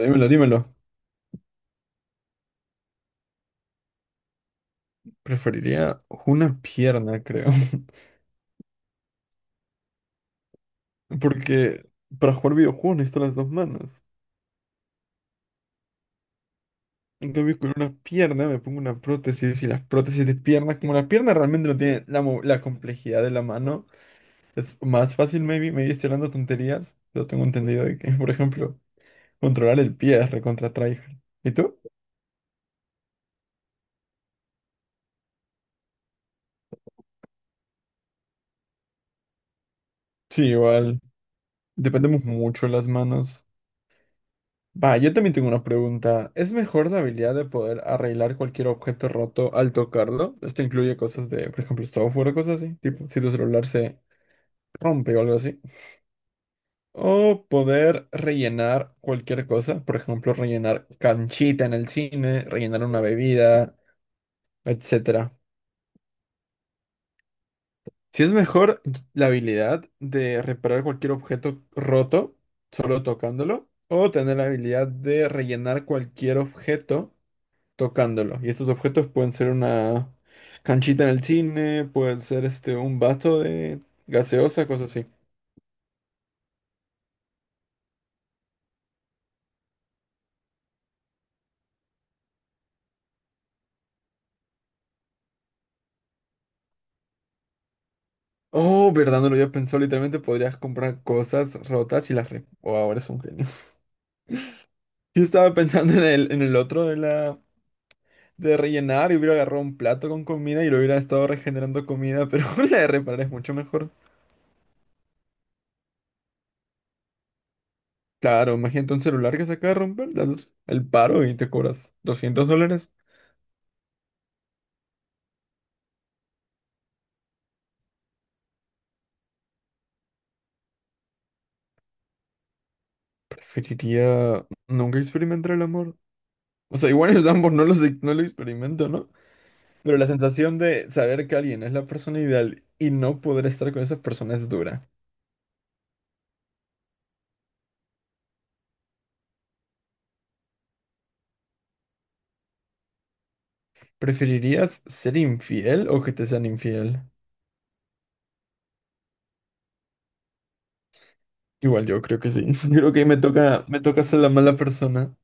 Dímelo, dímelo. Preferiría una pierna, creo. Porque para jugar videojuegos necesito las dos manos. En cambio, con una pierna me pongo una prótesis y las prótesis de piernas, como la pierna realmente no tiene la complejidad de la mano, es más fácil, maybe. Me estoy hablando tonterías, pero tengo entendido de que, por ejemplo, controlar el pie es recontra tryhard. ¿Y tú? Sí, igual. Dependemos mucho de las manos. Va, yo también tengo una pregunta. ¿Es mejor la habilidad de poder arreglar cualquier objeto roto al tocarlo? Esto incluye cosas de, por ejemplo, software o cosas así, tipo si tu celular se rompe o algo así. O poder rellenar cualquier cosa, por ejemplo, rellenar canchita en el cine, rellenar una bebida, etcétera. Si es mejor la habilidad de reparar cualquier objeto roto solo tocándolo, o tener la habilidad de rellenar cualquier objeto tocándolo. Y estos objetos pueden ser una canchita en el cine, pueden ser un vaso de gaseosa, cosas así. Oh, verdad, no lo había pensado. Literalmente podrías comprar cosas rotas y Oh, ahora es un genio. Yo estaba pensando en el otro de rellenar y hubiera agarrado un plato con comida y lo hubiera estado regenerando comida, pero la de reparar es mucho mejor. Claro, imagínate un celular que se acaba de romper, le haces el paro y te cobras $200. Preferiría nunca experimentar el amor. O sea, igual ellos ambos no lo experimento, ¿no? Pero la sensación de saber que alguien es la persona ideal y no poder estar con esa persona es dura. ¿Preferirías ser infiel o que te sean infiel? Igual yo creo que sí. Creo que ahí me toca ser la mala persona.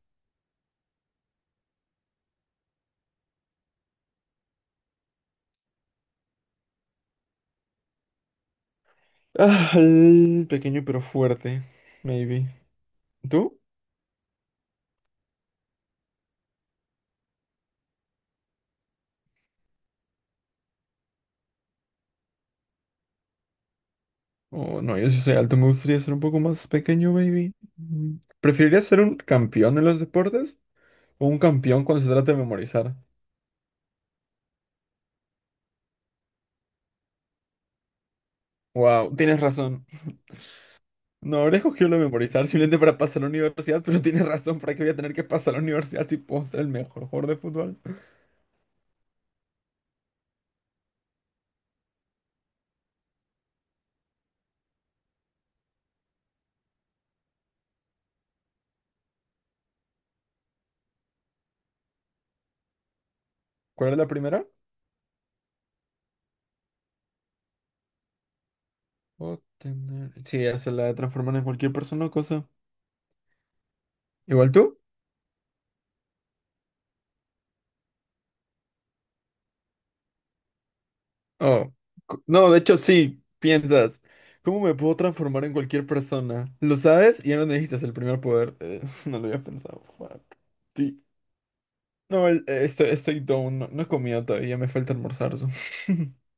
Ah, el pequeño pero fuerte. Maybe. ¿Tú? Oh, no, yo sí soy alto. Me gustaría ser un poco más pequeño, baby. Mm. ¿Preferirías ser un campeón en los deportes o un campeón cuando se trata de memorizar? Wow, tienes razón. No, habré escogido lo de memorizar simplemente para pasar a la universidad, pero tienes razón, ¿para qué voy a tener que pasar a la universidad si puedo ser el mejor jugador de fútbol? ¿Cuál era la primera? Sí, hacer la de transformar en cualquier persona o cosa. ¿Igual tú? Oh. No, de hecho sí, piensas. ¿Cómo me puedo transformar en cualquier persona? ¿Lo sabes? Y ya no necesitas el primer poder. No lo había pensado. Fuck. Sí. No, estoy down. No, no he comido todavía, me falta almorzar. So.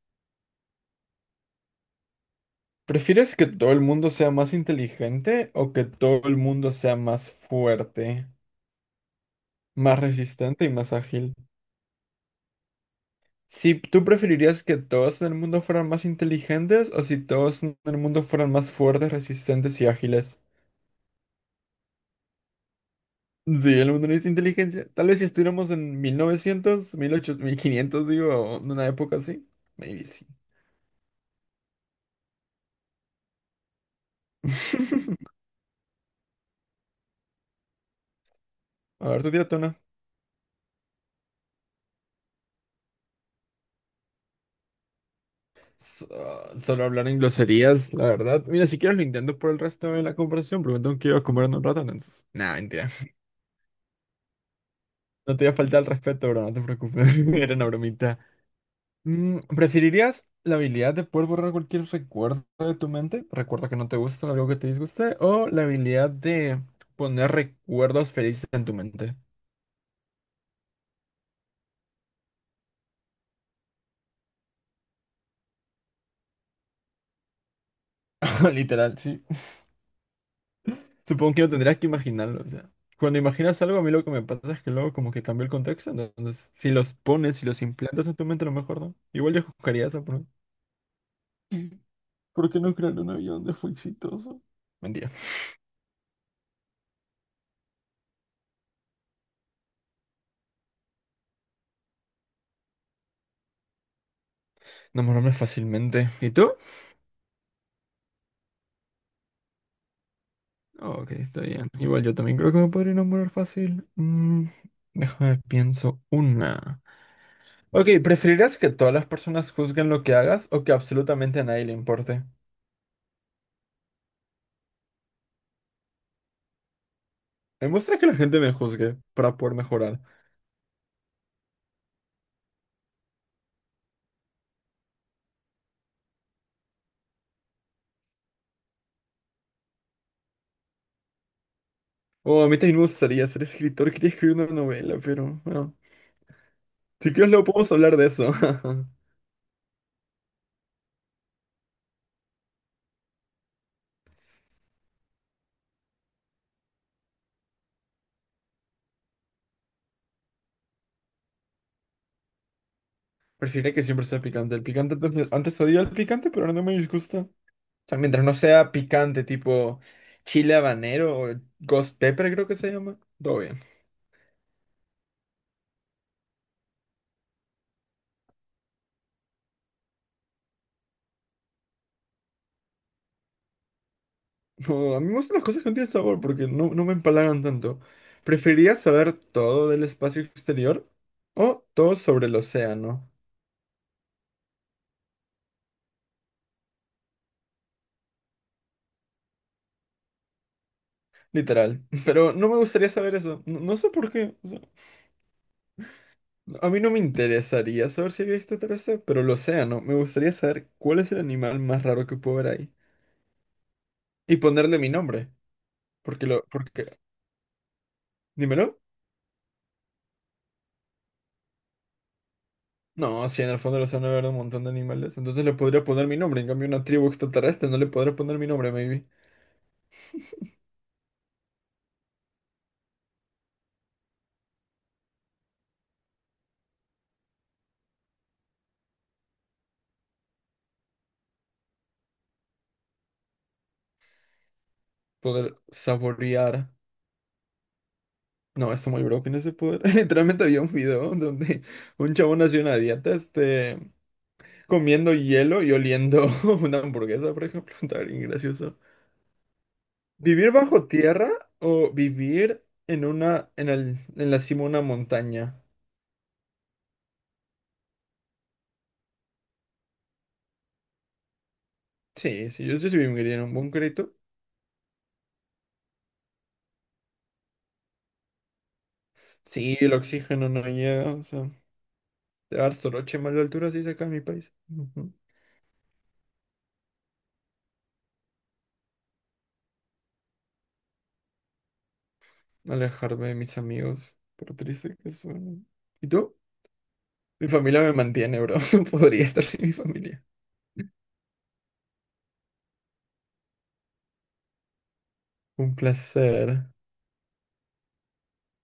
¿Prefieres que todo el mundo sea más inteligente o que todo el mundo sea más fuerte, más resistente y más ágil? Si tú preferirías que todos en el mundo fueran más inteligentes o si todos en el mundo fueran más fuertes, resistentes y ágiles. Sí, el mundo necesita inteligencia. Tal vez si estuviéramos en 1900, 1500, digo, en una época así. Maybe sí. A ver, tú tírate una. So- solo hablar en groserías, la verdad. Mira, si quieres lo intento por el resto de la conversación, porque me tengo que ir a comer en un rato, entonces. Nah, mentira. No te voy a faltar el respeto, bro, no te preocupes. Era una bromita. ¿Preferirías la habilidad de poder borrar cualquier recuerdo de tu mente? Recuerdo que no te gusta, algo que te disguste, o la habilidad de poner recuerdos felices en tu mente. Literal, sí. Supongo que no tendrías que imaginarlo, o sea. Cuando imaginas algo, a mí lo que me pasa es que luego como que cambió el contexto, ¿no? Entonces si los implantas en tu mente, a lo mejor no. Igual yo escogería esa, pero. Mm. ¿Por qué no crear un avión donde fue exitoso? Mentira. Enamorarme fácilmente. ¿Y tú? Ok, está bien. Igual yo también creo que me podría enamorar fácil. Déjame pienso una. Ok, ¿preferirás que todas las personas juzguen lo que hagas o que absolutamente a nadie le importe? Me gusta que la gente me juzgue para poder mejorar. Oh, a mí también me gustaría ser escritor, quería escribir una novela, pero bueno. Si quieres luego podemos hablar de eso. Preferiría que siempre sea picante. El picante antes, antes odiaba el picante, pero ahora no me disgusta. O sea, mientras no sea picante, tipo chile habanero o ghost pepper creo que se llama. Todo bien. No, a mí me gustan las cosas que no tienen sabor porque no me empalagan tanto. ¿Preferiría saber todo del espacio exterior o todo sobre el océano? Literal. Pero no me gustaría saber eso. No, no sé por qué. A mí no me interesaría saber si había extraterrestre, pero lo sea, ¿no? Me gustaría saber cuál es el animal más raro que puedo ver ahí. Y ponerle mi nombre. Porque lo. Porque. Dímelo. No, si en el fondo del océano habrá un montón de animales. Entonces le podría poner mi nombre. En cambio, una tribu extraterrestre no le podría poner mi nombre, maybe. Poder saborear. No, está muy broken ese poder. Literalmente había un video donde un chabón hacía una dieta, comiendo hielo y oliendo una hamburguesa, por ejemplo. Está bien gracioso. ¿Vivir bajo tierra o vivir en la cima de una montaña? Sí, sí, yo sí viviría en un búnker. Sí, el oxígeno no llega, o sea, te dar soroche mal de altura, sí, acá en mi país. Ujú. Alejarme de mis amigos, por triste que suene. ¿Y tú? Mi familia me mantiene, bro, no podría estar sin mi familia. Un placer.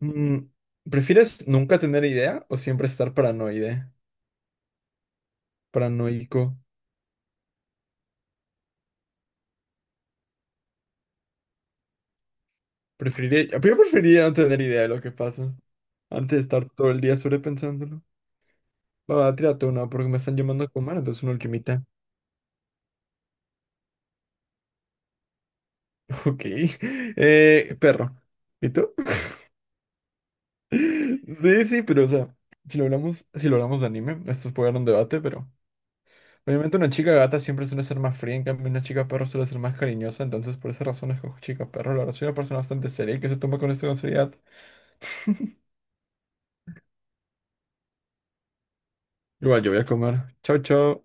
Mm, ¿Prefieres nunca tener idea o siempre estar paranoide? Paranoico. Yo preferiría no tener idea de lo que pasa. Antes de estar todo el día sobrepensándolo. Va, va, tírate una porque me están llamando a comer, entonces una ultimita. Ok. Perro. ¿Y tú? Sí, sí, pero o sea, si lo hablamos de anime, esto puede dar un debate, pero obviamente una chica gata siempre suele ser más fría, en cambio una chica perro suele ser más cariñosa, entonces por esa razón escojo chica perro. La verdad soy una persona bastante seria y que se toma con esto con seriedad. Igual yo voy a comer. Chao, chao.